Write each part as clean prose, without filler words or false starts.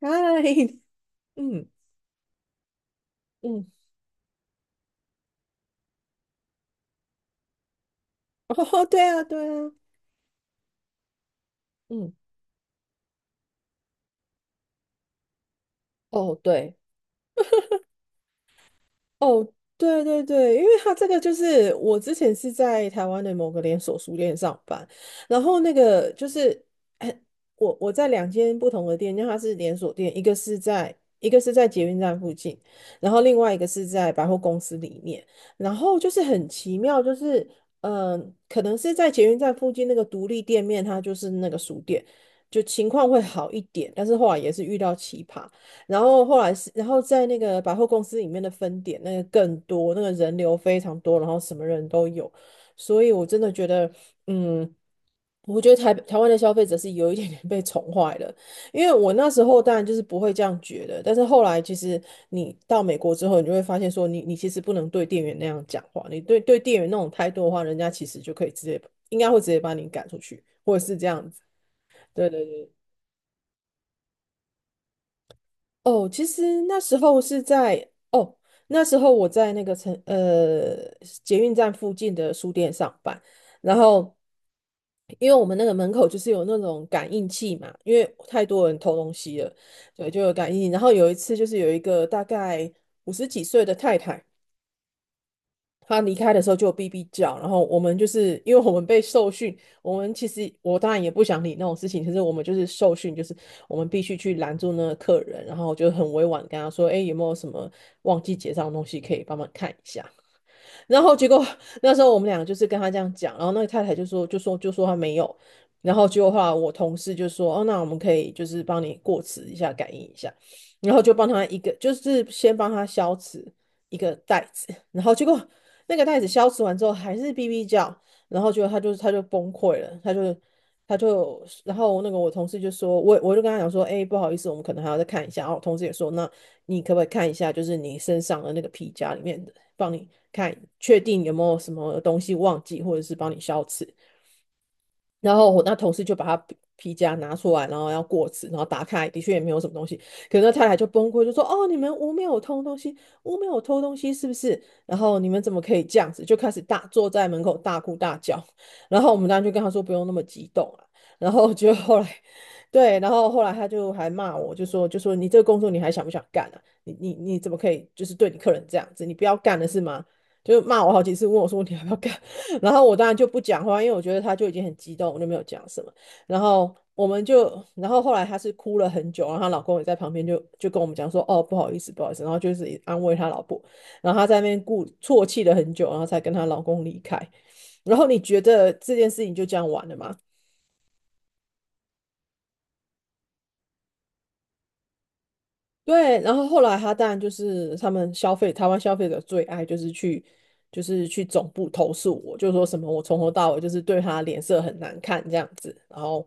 嗨，嗯嗯，哦，对啊，对啊，嗯，哦，对，哦，对对对。因为他这个就是我之前是在台湾的某个连锁书店上班，然后那个就是，哎，我在两间不同的店，因为它是连锁店，一个是在捷运站附近，然后另外一个是在百货公司里面，然后就是很奇妙，就是可能是在捷运站附近那个独立店面，它就是那个书店，就情况会好一点，但是后来也是遇到奇葩。然后后来是，然后在那个百货公司里面的分点，那个更多，那个人流非常多，然后什么人都有，所以我真的觉得，嗯，我觉得台湾的消费者是有一点点被宠坏了，因为我那时候当然就是不会这样觉得，但是后来其实你到美国之后，你就会发现说你，你其实不能对店员那样讲话，你对店员那种态度的话，人家其实就可以直接应该会直接把你赶出去，或者是这样子。对对对。哦，其实那时候是在哦，那时候我在那个捷运站附近的书店上班，然后因为我们那个门口就是有那种感应器嘛，因为太多人偷东西了，对，就有感应器，然后有一次就是有一个大概五十几岁的太太。他离开的时候就有哔哔叫，然后我们就是因为我们被受训，我们其实我当然也不想理那种事情，可是我们就是受训，就是我们必须去拦住那个客人，然后就很委婉跟他说，哎，有没有什么忘记结账的东西可以帮忙看一下？然后结果那时候我们两个就是跟他这样讲，然后那个太太就说他没有，然后结果后来我同事就说，哦，那我们可以就是帮你过磁一下，感应一下，然后就帮他一个就是先帮他消磁一个袋子，然后结果那个袋子消磁完之后还是哔哔叫，然后结果他就崩溃了，他就。然后那个我同事就说，我就跟他讲说，欸，不好意思，我们可能还要再看一下。然后我同事也说，那你可不可以看一下，就是你身上的那个皮夹里面的帮你看，确定有没有什么东西忘记，或者是帮你消磁。然后我那同事就把他皮夹拿出来，然后要过纸，然后打开，的确也没有什么东西。可是那太太就崩溃，就说："哦，你们屋没有偷东西，屋没有偷东西是不是？然后你们怎么可以这样子？"就开始大坐在门口大哭大叫。然后我们当然就跟他说不用那么激动啊。然后就后来，对，然后后来他就还骂我，就说你这个工作你还想不想干啊？你怎么可以就是对你客人这样子？你不要干了是吗？就骂我好几次，问我说你还要不要干？然后我当然就不讲话，因为我觉得他就已经很激动，我就没有讲什么。然后我们就，然后后来她是哭了很久，然后她老公也在旁边就跟我们讲说，哦，不好意思，不好意思，然后就是安慰她老婆，然后她在那边故啜泣了很久，然后才跟她老公离开。然后你觉得这件事情就这样完了吗？对，然后后来他当然就是他们消费台湾消费者最爱就是去就是去总部投诉我，就说什么我从头到尾就是对他脸色很难看这样子，然后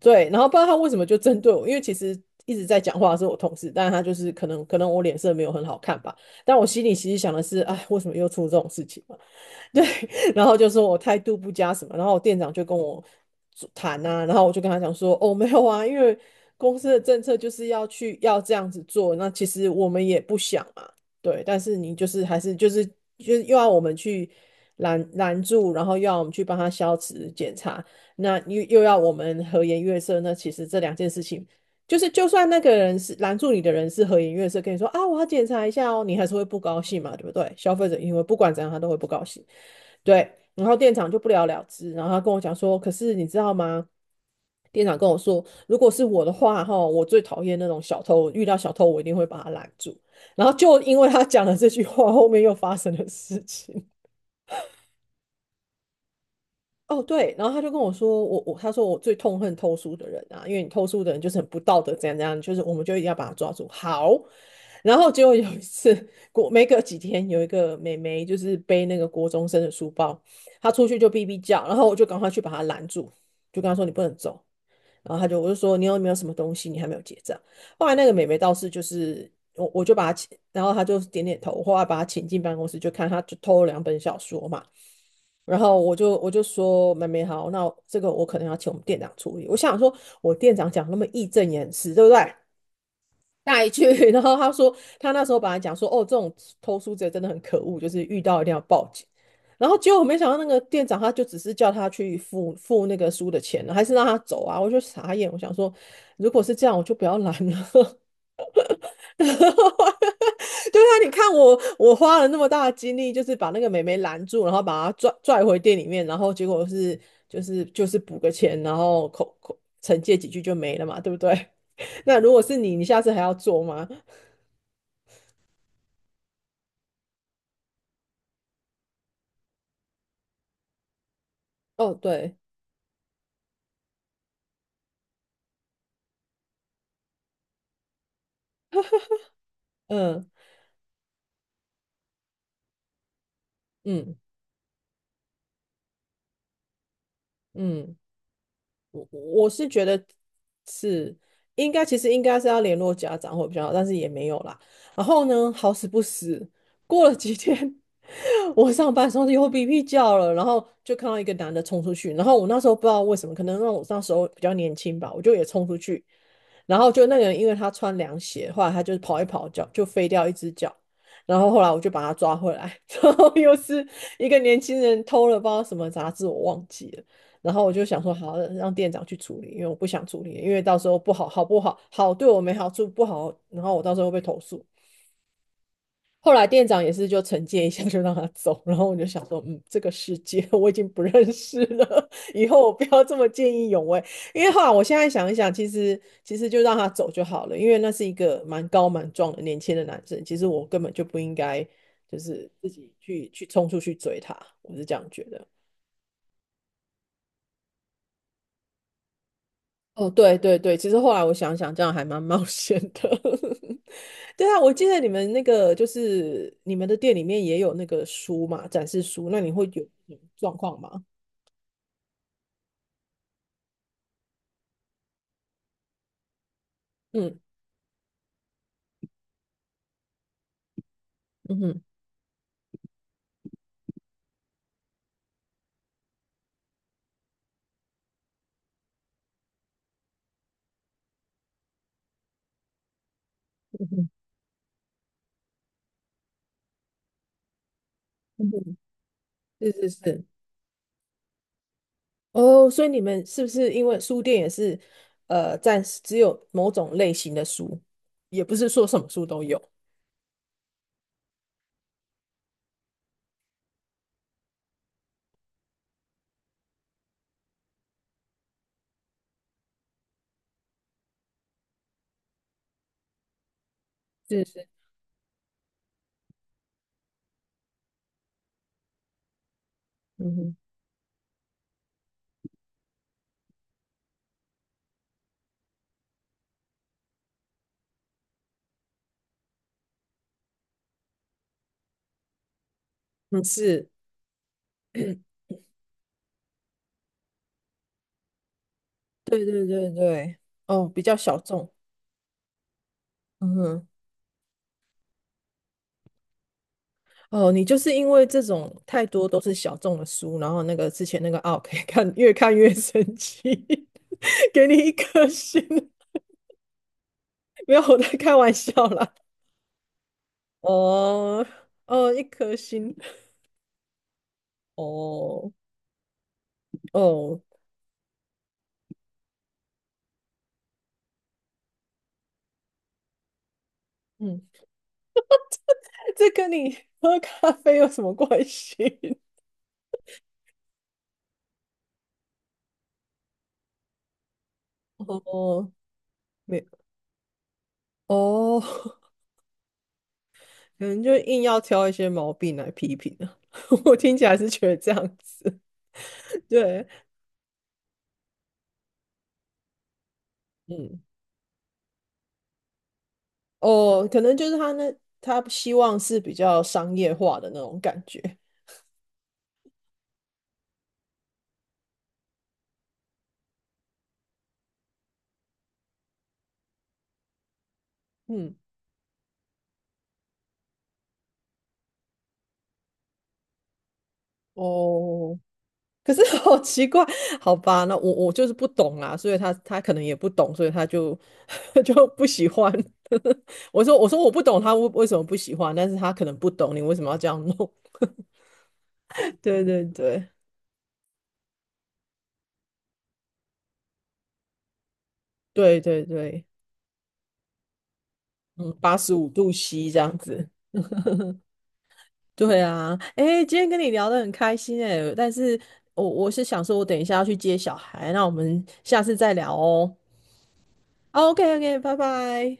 对，然后不知道他为什么就针对我，因为其实一直在讲话的是我同事，但是他就是可能我脸色没有很好看吧，但我心里其实想的是，哎，为什么又出这种事情？对，然后就说我态度不佳什么，然后我店长就跟我谈啊，然后我就跟他讲说，哦，没有啊，因为公司的政策就是要去要这样子做，那其实我们也不想嘛，对，但是你就是还是就是就是又要我们去拦住，然后又要我们去帮他消磁检查，那又要我们和颜悦色，那其实这两件事情。就是就算那个人是拦住你的人是和颜悦色跟你说啊，我要检查一下哦，你还是会不高兴嘛，对不对？消费者因为不管怎样他都会不高兴。对，然后店长就不了了之，然后他跟我讲说，可是你知道吗？店长跟我说，如果是我的话，哈，我最讨厌那种小偷，遇到小偷我一定会把他拦住。然后就因为他讲了这句话，后面又发生了事情。哦，对，然后他就跟我说，他说我最痛恨偷书的人啊，因为你偷书的人就是很不道德，怎样怎样，就是我们就一定要把他抓住。好，然后结果有一次，过没隔几天，有一个妹妹就是背那个国中生的书包，她出去就哔哔叫，然后我就赶快去把她拦住，就跟她说你不能走。然后她就我就说你有没有什么东西你还没有结账？后来那个妹妹倒是就是我就把她请，然后她就点点头，后来把她请进办公室，就看她就偷了两本小说嘛。然后我就说妹妹好，那这个我可能要请我们店长处理。我想说，我店长讲那么义正言辞，对不对？带去，然后他说他那时候本来讲说，哦，这种偷书贼真的很可恶，就是遇到一定要报警。然后结果我没想到那个店长他就只是叫他去付那个书的钱，还是让他走啊！我就傻眼，我想说，如果是这样，我就不要拦了。对啊，你看我，我花了那么大的精力，就是把那个妹妹拦住，然后把她拽回店里面，然后结果是就是补个钱，然后口惩戒几句就没了嘛，对不对？那如果是你，你下次还要做吗？哦，对，嗯嗯嗯。我是觉得是应该，其实应该是要联络家长会比较好，但是也没有啦。然后呢，好死不死，过了几天，我上班的时候又哔哔叫了，然后就看到一个男的冲出去，然后我那时候不知道为什么，可能让我那时候比较年轻吧，我就也冲出去，然后就那个人，因为他穿凉鞋，后来他就跑一跑脚就飞掉一只脚，然后后来我就把他抓回来，然后又是一个年轻人偷了包什么杂志，我忘记了。然后我就想说，好，让店长去处理，因为我不想处理，因为到时候不好，好不好，好对我没好处，不好，然后我到时候会被投诉。后来店长也是就惩戒一下，就让他走。然后我就想说，嗯，这个世界 我已经不认识了，以后我不要这么见义勇为。因为后来我现在想一想，其实就让他走就好了，因为那是一个蛮高蛮壮的年轻的男生，其实我根本就不应该就是自己去冲出去追他，我是这样觉得。哦，对对对，其实后来我想想，这样还蛮冒险的。对啊，我记得你们那个就是你们的店里面也有那个书嘛，展示书，那你会有状况吗？嗯，嗯哼，嗯哼，嗯哼，是是是，哦，所以你们是不是因为书店也是暂时只有某种类型的书，也不是说什么书都有，是是，嗯哼，嗯是，对对对对，哦，比较小众，嗯哼。哦，你就是因为这种太多都是小众的书，然后那个之前那个奥 可以看越看越生气，给你一颗星，没有我在开玩笑啦。哦哦，一颗星，哦哦，嗯，这跟你喝咖啡有什么关系？哦，没哦，可能就硬要挑一些毛病来批评啊。我听起来是觉得这样子，对，嗯。哦，可能就是他那他希望是比较商业化的那种感觉，嗯，哦，可是 好奇怪，好吧，那我就是不懂啊，所以他可能也不懂，所以他就 就不喜欢。我说我说我不懂他为什么不喜欢，但是他可能不懂你为什么要这样弄。对对对对对对，嗯，85度C 这样子。对啊，哎，今天跟你聊得很开心哎，但是我是想说，我等一下要去接小孩，那我们下次再聊哦。OK OK,拜拜。